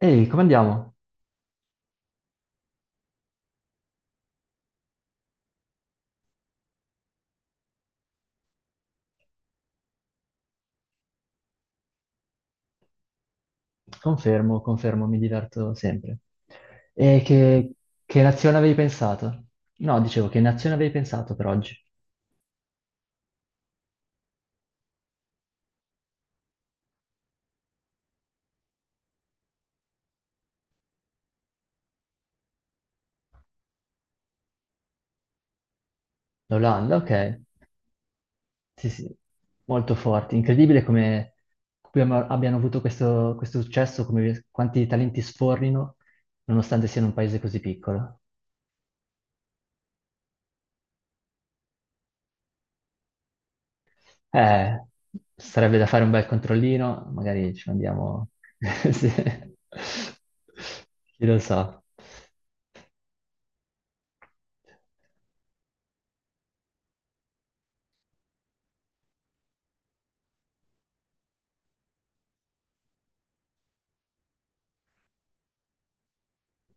Ehi, come andiamo? Confermo, confermo, mi diverto sempre. E che nazione avevi pensato? No, dicevo, che nazione avevi pensato per oggi? L'Olanda, ok. Sì, sì, molto forti. Incredibile come abbiano avuto questo successo, come quanti talenti sfornino, nonostante siano un paese così piccolo. Eh, Sarebbe da fare un bel controllino, magari ci mandiamo. Sì. Chi lo sa.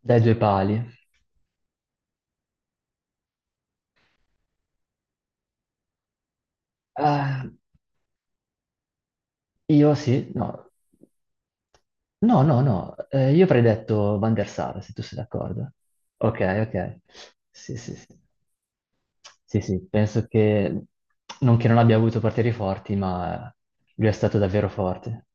Dai due pali. Ah, io sì, no. No, no, no. Io avrei detto Van der Sar, se tu sei d'accordo. Ok, ok. Sì, sì, sì. Sì, sì, penso che non abbia avuto portieri forti, ma lui è stato davvero forte.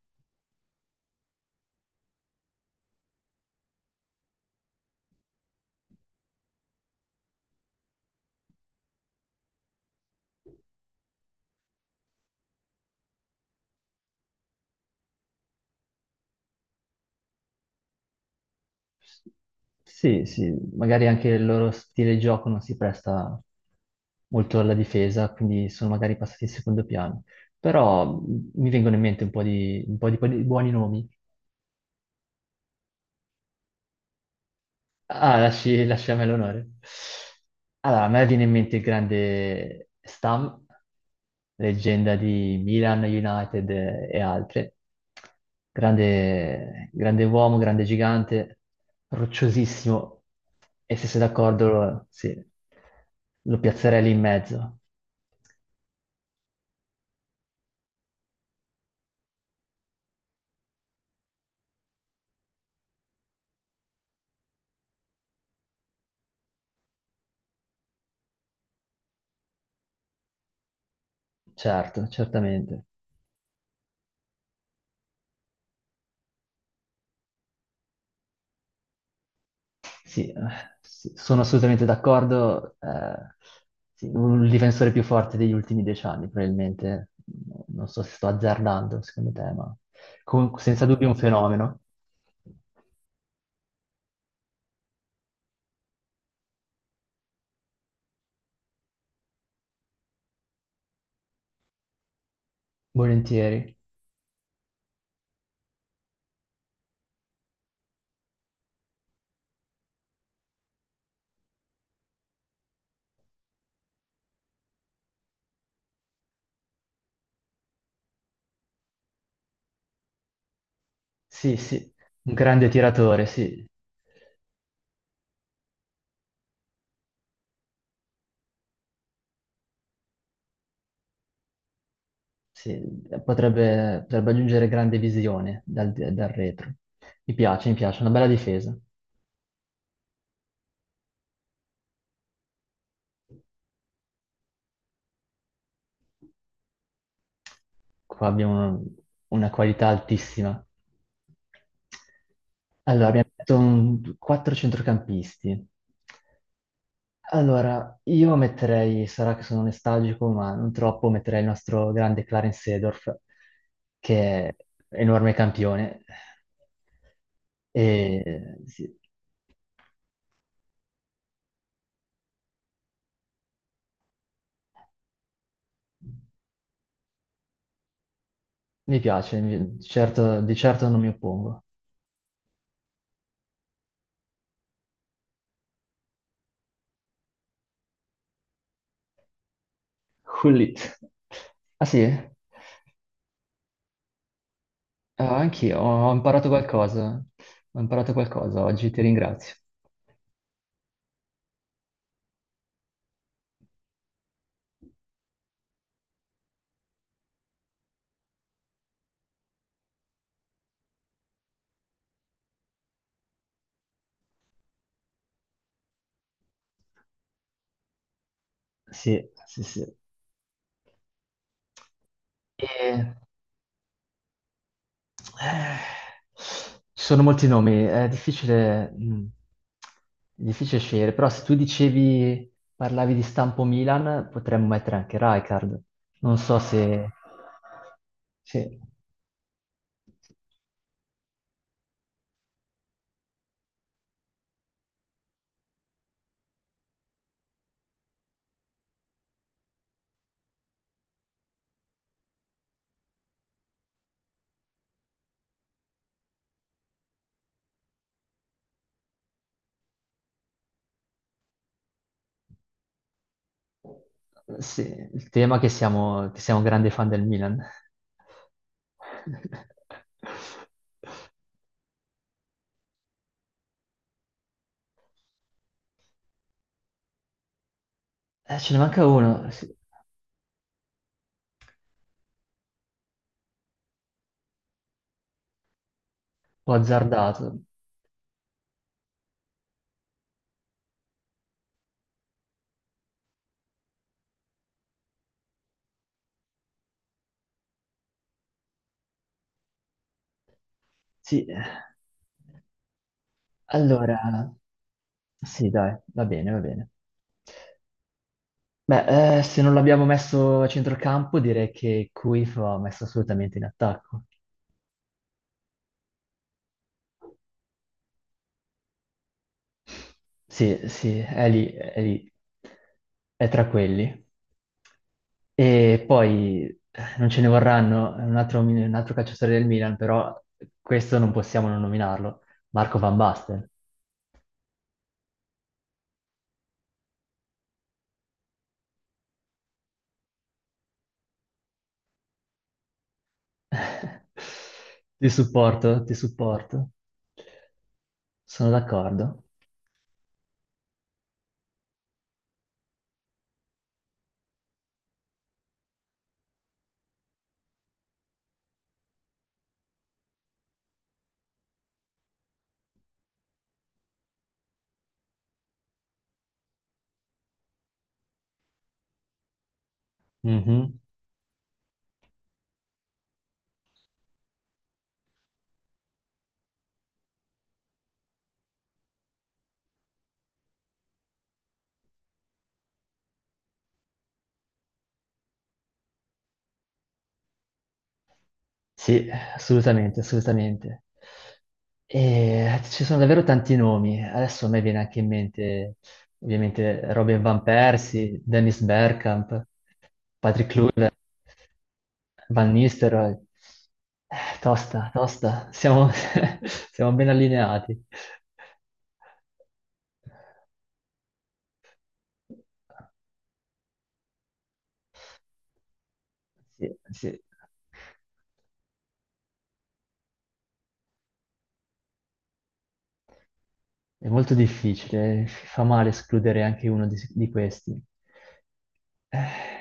Sì, sì, magari anche il loro stile di gioco non si presta molto alla difesa, quindi sono magari passati in secondo piano. Però mi vengono in mente un po' di buoni nomi. Ah, lasci, lasci a me l'onore. Allora, a me viene in mente il grande Stam, leggenda di Milan, United e altre. Grande, grande uomo, grande gigante, rocciosissimo. E se sei d'accordo, sì, lo piazzerei lì in mezzo. Certo, certamente. Sì, sì, sono assolutamente d'accordo. Sì, un difensore più forte degli ultimi 10 anni, probabilmente. Non so se sto azzardando, secondo te, ma comunque senza dubbio un fenomeno. Volentieri. Sì, sì, un grande tiratore, sì, sì. Potrebbe aggiungere grande visione dal retro. Mi piace, una bella difesa. Qua abbiamo una qualità altissima. Allora, abbiamo detto quattro centrocampisti. Allora, io metterei, sarà che sono nostalgico, ma non troppo, metterei il nostro grande Clarence Seedorf, che è enorme campione. E sì, mi piace, di certo non mi oppongo. Hullit. Ah sì? Ah, anch'io, ho imparato qualcosa. Ho imparato qualcosa oggi, ti ringrazio. Sì, sì, sì. E, eh, Ci sono molti nomi, è difficile scegliere, però se tu dicevi, parlavi di stampo Milan, potremmo mettere anche Rijkaard. Non so se. Sì, sì, il tema è che siamo grandi fan del Milan. Ce ne manca uno, sì, ho azzardato. Sì, allora, sì, dai, va bene, va bene. Beh, se non l'abbiamo messo a centrocampo, direi che Cruyff va messo assolutamente in attacco. Sì, sì, è lì, è lì, è tra quelli. E poi non ce ne vorranno, è un altro calciatore del Milan, però questo non possiamo non nominarlo, Marco Van Basten. Ti supporto, sono d'accordo. Mhm. Sì, assolutamente, assolutamente. E ci sono davvero tanti nomi. Adesso a me viene anche in mente, ovviamente, Robin Van Persie, Dennis Bergkamp, Patrick Kluivert, Van Nistelrooy. Tosta, tosta, siamo, siamo ben allineati. Sì, sì. È molto difficile, fa male escludere anche uno di questi. Eh,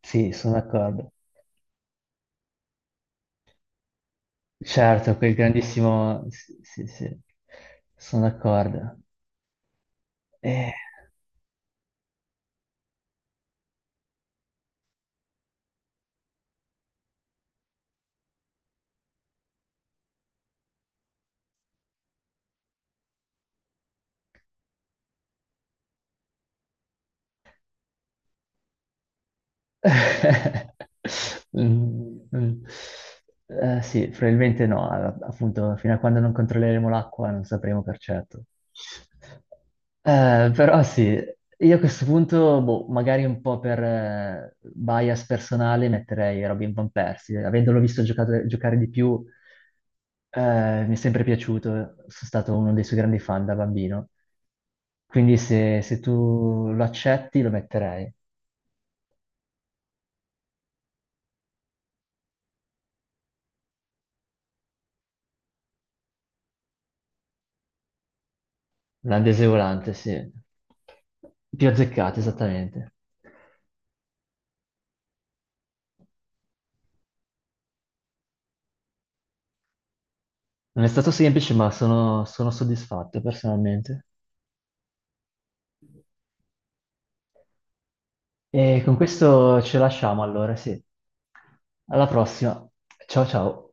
sì, sono d'accordo. Certo, quel grandissimo. Sì, sì, sì, sono d'accordo. Eh. Mm, mm. Sì, probabilmente no, appunto, fino a quando non controlleremo l'acqua non sapremo per certo. Però sì, io a questo punto, boh, magari un po' per bias personale metterei Robin Van Persie, avendolo visto giocare di più, mi è sempre piaciuto, sono stato uno dei suoi grandi fan da bambino, quindi se tu lo accetti lo metterei. La Deseolante, sì. Più azzeccata, esattamente. Non è stato semplice, ma sono soddisfatto personalmente. E con questo ce lasciamo allora, sì. Alla prossima. Ciao ciao.